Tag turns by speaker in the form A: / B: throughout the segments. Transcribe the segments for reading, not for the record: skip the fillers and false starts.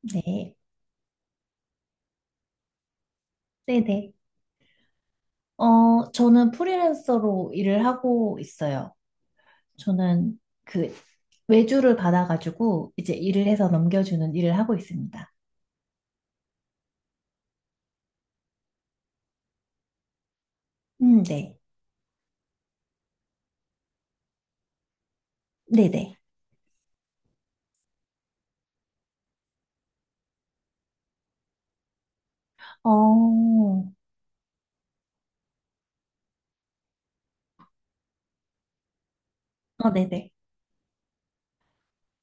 A: 네. 네네. 저는 프리랜서로 일을 하고 있어요. 저는 그 외주를 받아가지고 이제 일을 해서 넘겨주는 일을 하고 있습니다. 네. 네네. 어, 어, 네네.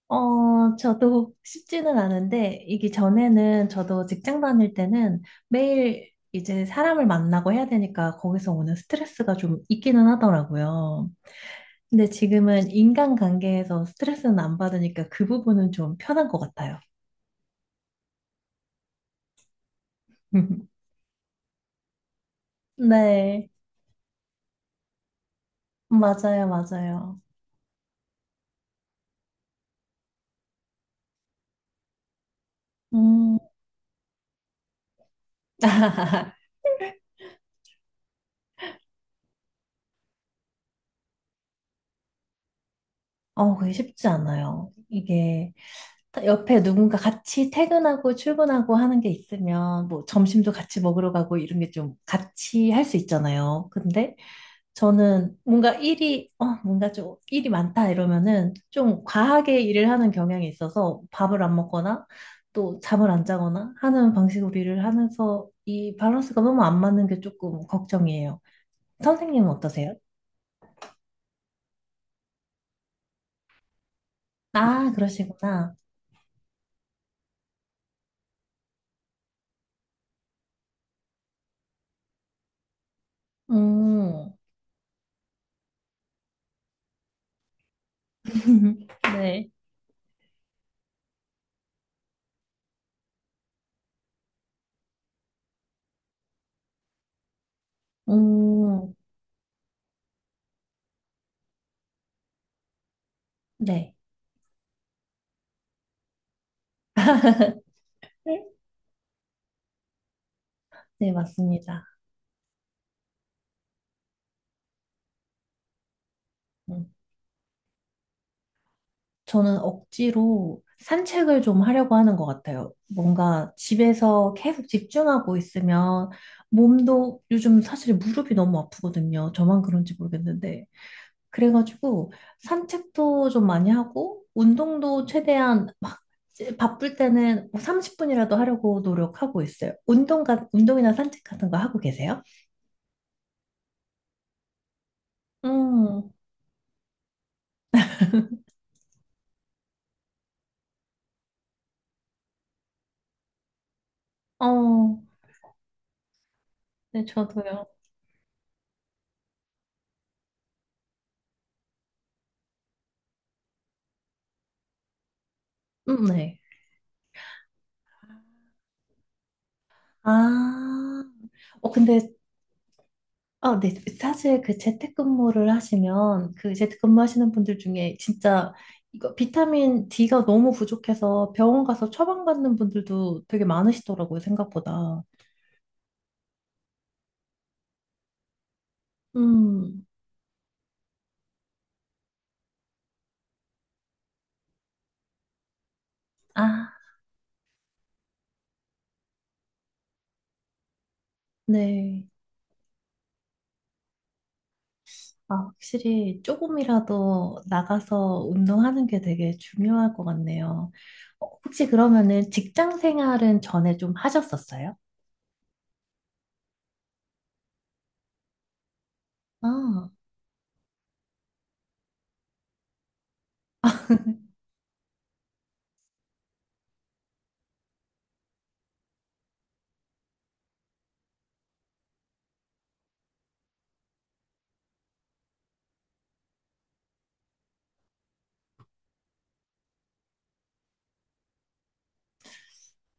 A: 저도 쉽지는 않은데, 이게 전에는 저도 직장 다닐 때는 매일 이제 사람을 만나고 해야 되니까 거기서 오는 스트레스가 좀 있기는 하더라고요. 근데 지금은 인간관계에서 스트레스는 안 받으니까 그 부분은 좀 편한 것 같아요. 네, 맞아요, 맞아요. 음, 그게 쉽지 않아요. 이게 옆에 누군가 같이 퇴근하고 출근하고 하는 게 있으면 뭐 점심도 같이 먹으러 가고 이런 게 좀 같이 할 수 있잖아요. 근데 저는 뭔가 좀 일이 많다 이러면은 좀 과하게 일을 하는 경향이 있어서 밥을 안 먹거나 또 잠을 안 자거나 하는 방식으로 일을 하면서 이 밸런스가 너무 안 맞는 게 조금 걱정이에요. 선생님은 어떠세요? 아, 그러시구나. 음, 네. 음, 네. 네, 맞습니다. 음. 저는 억지로 산책을 좀 하려고 하는 것 같아요. 뭔가 집에서 계속 집중하고 있으면 몸도 요즘 사실 무릎이 너무 아프거든요. 저만 그런지 모르겠는데. 그래가지고 산책도 좀 많이 하고 운동도 최대한 막 바쁠 때는 30분이라도 하려고 노력하고 있어요. 운동이나 산책 같은 거 하고 계세요? 음, 어, 네, 저도요. 네. 아, 어, 근데 아, 네. 사실 그 재택근무를 하시면 그 재택근무 하시는 분들 중에 진짜 이거 비타민 D가 너무 부족해서 병원 가서 처방받는 분들도 되게 많으시더라고요, 생각보다. 음, 아, 네. 아, 확실히 조금이라도 나가서 운동하는 게 되게 중요할 것 같네요. 혹시 그러면은 직장 생활은 전에 좀 하셨었어요? 아,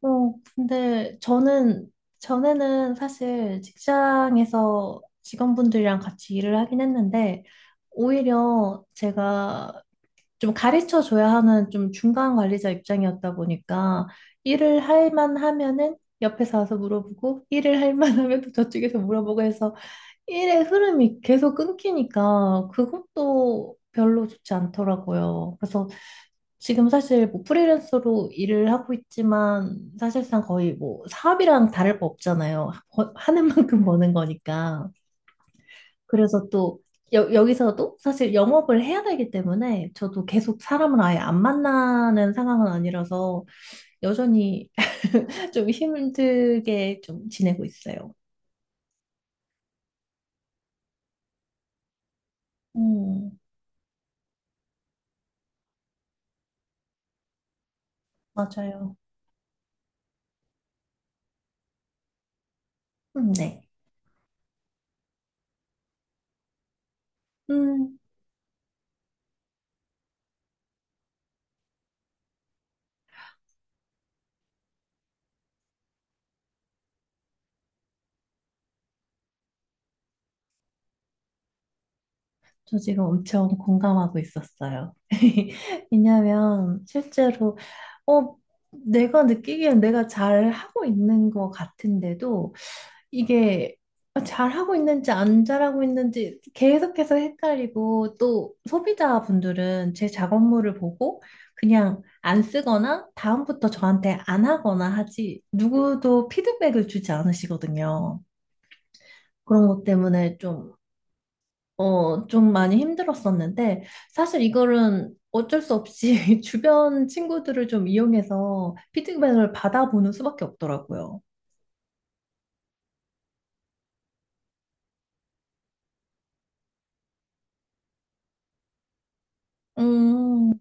A: 근데 저는 전에는 사실 직장에서 직원분들이랑 같이 일을 하긴 했는데 오히려 제가 좀 가르쳐 줘야 하는 좀 중간 관리자 입장이었다 보니까 일을 할 만하면은 옆에서 와서 물어보고 일을 할 만하면 또 저쪽에서 물어보고 해서 일의 흐름이 계속 끊기니까 그것도 별로 좋지 않더라고요. 그래서 지금 사실 뭐 프리랜서로 일을 하고 있지만 사실상 거의 뭐 사업이랑 다를 바 없잖아요. 하는 만큼 버는 거니까. 그래서 또 여기서도 사실 영업을 해야 되기 때문에 저도 계속 사람을 아예 안 만나는 상황은 아니라서 여전히 좀 힘들게 좀 지내고 있어요. 음, 맞아요. 네. 음, 저 지금 엄청 공감하고 있었어요. 왜냐하면 실제로 어, 내가 느끼기엔 내가 잘 하고 있는 것 같은데도 이게 잘 하고 있는지 안 잘하고 있는지 계속해서 헷갈리고 또 소비자분들은 제 작업물을 보고 그냥 안 쓰거나 다음부터 저한테 안 하거나 하지 누구도 피드백을 주지 않으시거든요. 그런 것 때문에 좀 많이 힘들었었는데, 사실 이거는 어쩔 수 없이 주변 친구들을 좀 이용해서 피드백을 받아보는 수밖에 없더라고요. 음,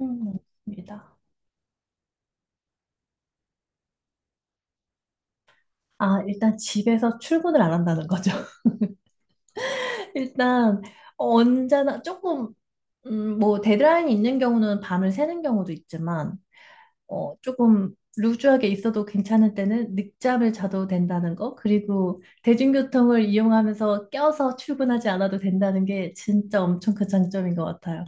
A: 음, 맞습니다. 아, 일단 집에서 출근을 안 한다는 거죠. 일단, 언제나 조금, 뭐, 데드라인이 있는 경우는 밤을 새는 경우도 있지만, 조금 루즈하게 있어도 괜찮을 때는 늦잠을 자도 된다는 거, 그리고 대중교통을 이용하면서 껴서 출근하지 않아도 된다는 게 진짜 엄청 큰 장점인 것 같아요.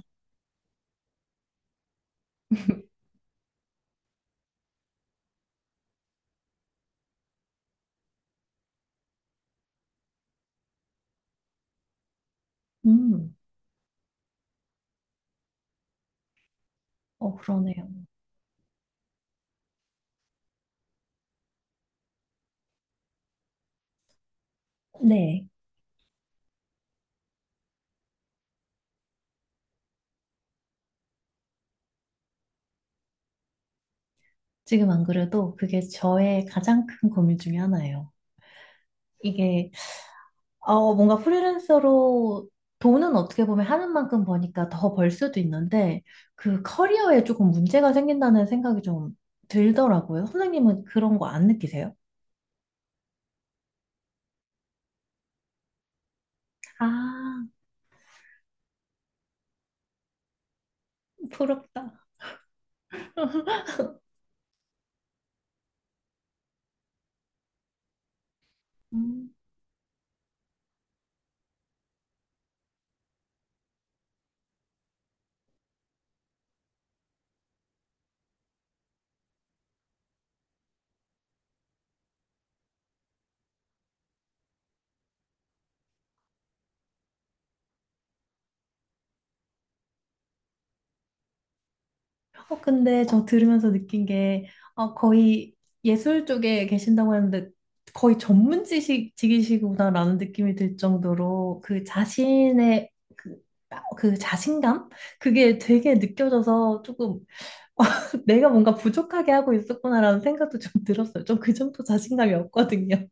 A: 음, 그러네요. 네. 지금 안 그래도 그게 저의 가장 큰 고민 중에 하나예요. 이게, 뭔가 프리랜서로 돈은 어떻게 보면 하는 만큼 버니까 더 벌 수도 있는데, 그 커리어에 조금 문제가 생긴다는 생각이 좀 들더라고요. 선생님은 그런 거 안 느끼세요? 아, 부럽다. 음. 근데 저 들으면서 느낀 게, 거의 예술 쪽에 계신다고 했는데, 거의 전문 직이시구나라는 느낌이 들 정도로, 그 자신감? 그게 되게 느껴져서 조금, 내가 뭔가 부족하게 하고 있었구나라는 생각도 좀 들었어요. 좀 그 정도 자신감이 없거든요.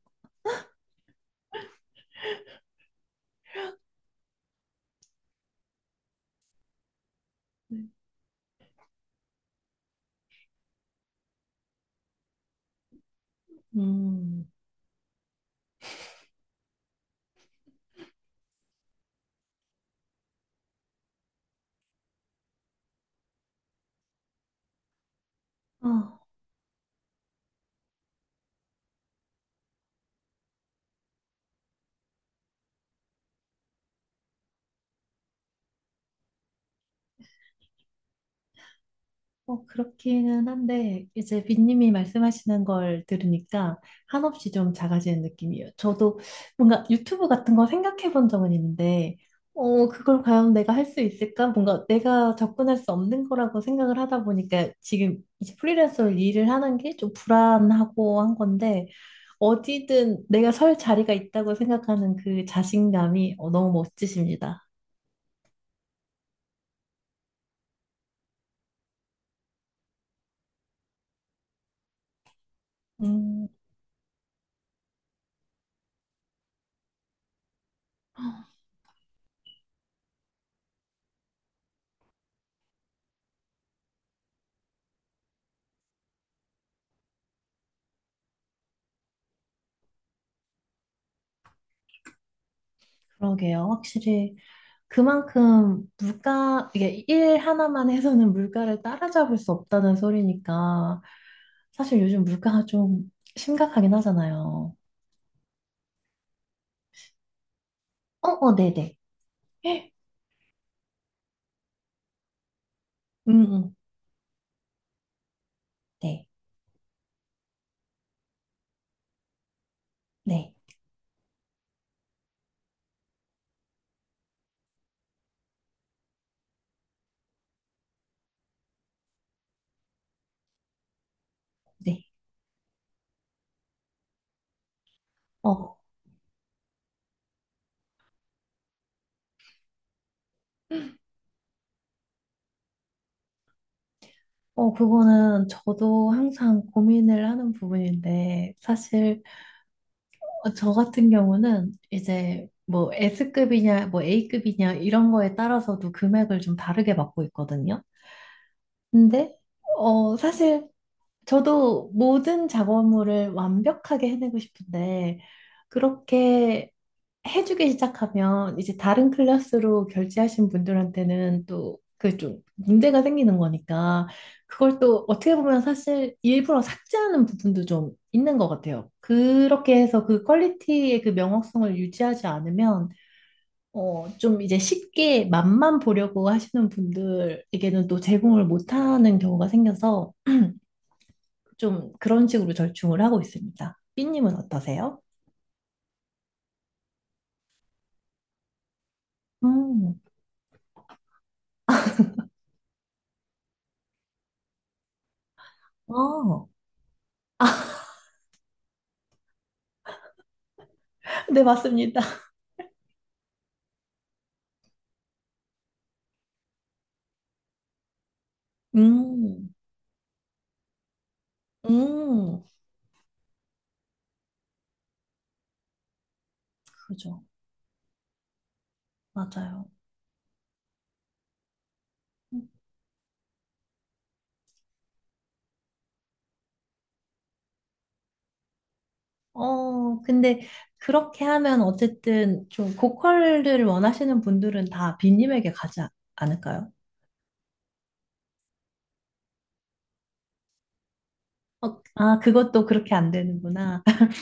A: 음. 그렇기는 한데, 이제 빈님이 말씀하시는 걸 들으니까 한없이 좀 작아지는 느낌이에요. 저도 뭔가 유튜브 같은 거 생각해 본 적은 있는데, 그걸 과연 내가 할 수 있을까? 뭔가 내가 접근할 수 없는 거라고 생각을 하다 보니까 지금 이제 프리랜서로 일을 하는 게 좀 불안하고 한 건데, 어디든 내가 설 자리가 있다고 생각하는 그 자신감이 너무 멋지십니다. 음, 그러게요. 확실히. 그만큼 물가, 이게 일 하나만 해서는 물가를 따라잡을 수 없다는 소리니까 사실 요즘 물가가 좀 심각하긴 하잖아요. 어, 어, 네네. 헉, 음, 음, 네, 네, 네. 어, 그거는 저도 항상 고민을 하는 부분인데 사실 저 같은 경우는 이제 뭐 S급이냐, 뭐 A급이냐 이런 거에 따라서도 금액을 좀 다르게 받고 있거든요. 근데 사실 저도 모든 작업물을 완벽하게 해내고 싶은데, 그렇게 해주기 시작하면 이제 다른 클래스로 결제하신 분들한테는 또 그 좀 문제가 생기는 거니까, 그걸 또 어떻게 보면 사실 일부러 삭제하는 부분도 좀 있는 것 같아요. 그렇게 해서 그 퀄리티의 그 명확성을 유지하지 않으면, 좀 이제 쉽게 맛만 보려고 하시는 분들에게는 또 제공을 못하는 경우가 생겨서, 좀 그런 식으로 절충을 하고 있습니다. 삐님은 어떠세요? 음, 어, 네, 맞습니다. 음, 음, 그죠. 맞아요. 근데 그렇게 하면 어쨌든 좀 고퀄을 원하시는 분들은 다 빈님에게 가지 않을까요? 아, 그것도 그렇게 안 되는구나.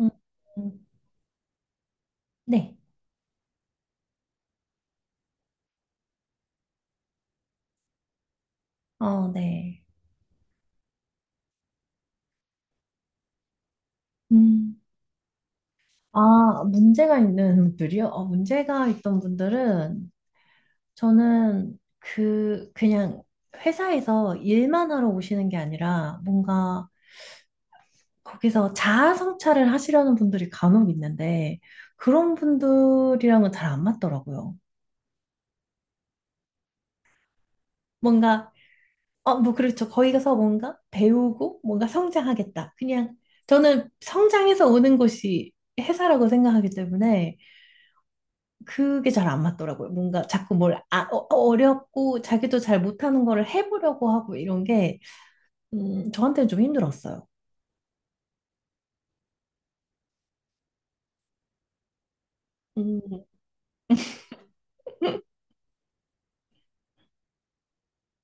A: 음, 음, 네. 어, 네. 음. 아, 문제가 있는 분들이요? 문제가 있던 분들은 저는 그냥 회사에서 일만 하러 오시는 게 아니라 뭔가 거기서 자아 성찰을 하시려는 분들이 간혹 있는데 그런 분들이랑은 잘 안 맞더라고요. 뭔가 뭐 그렇죠. 거기 가서 뭔가 배우고 뭔가 성장하겠다. 그냥 저는 성장해서 오는 곳이 회사라고 생각하기 때문에 그게 잘 안 맞더라고요. 뭔가 자꾸 뭘 어렵고 자기도 잘 못하는 거를 해보려고 하고 이런 게 저한테는 좀 힘들었어요. 음,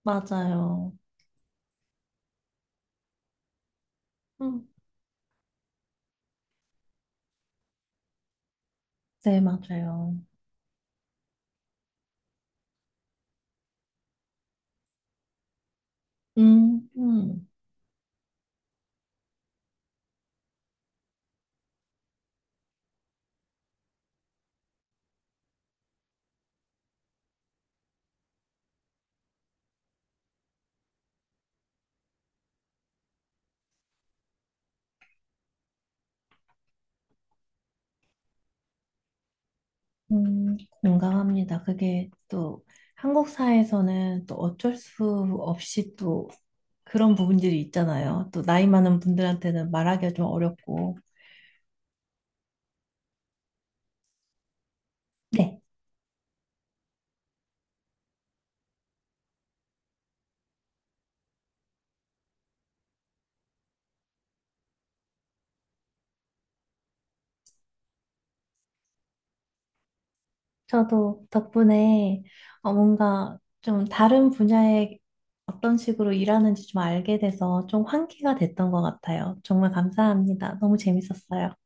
A: 맞아요. 음, 네, 맞아요. 음, 음, 공감합니다. 그게 또 한국 사회에서는 또 어쩔 수 없이 또 그런 부분들이 있잖아요. 또 나이 많은 분들한테는 말하기가 좀 어렵고. 네, 저도 덕분에 뭔가 좀 다른 분야에 어떤 식으로 일하는지 좀 알게 돼서 좀 환기가 됐던 것 같아요. 정말 감사합니다. 너무 재밌었어요.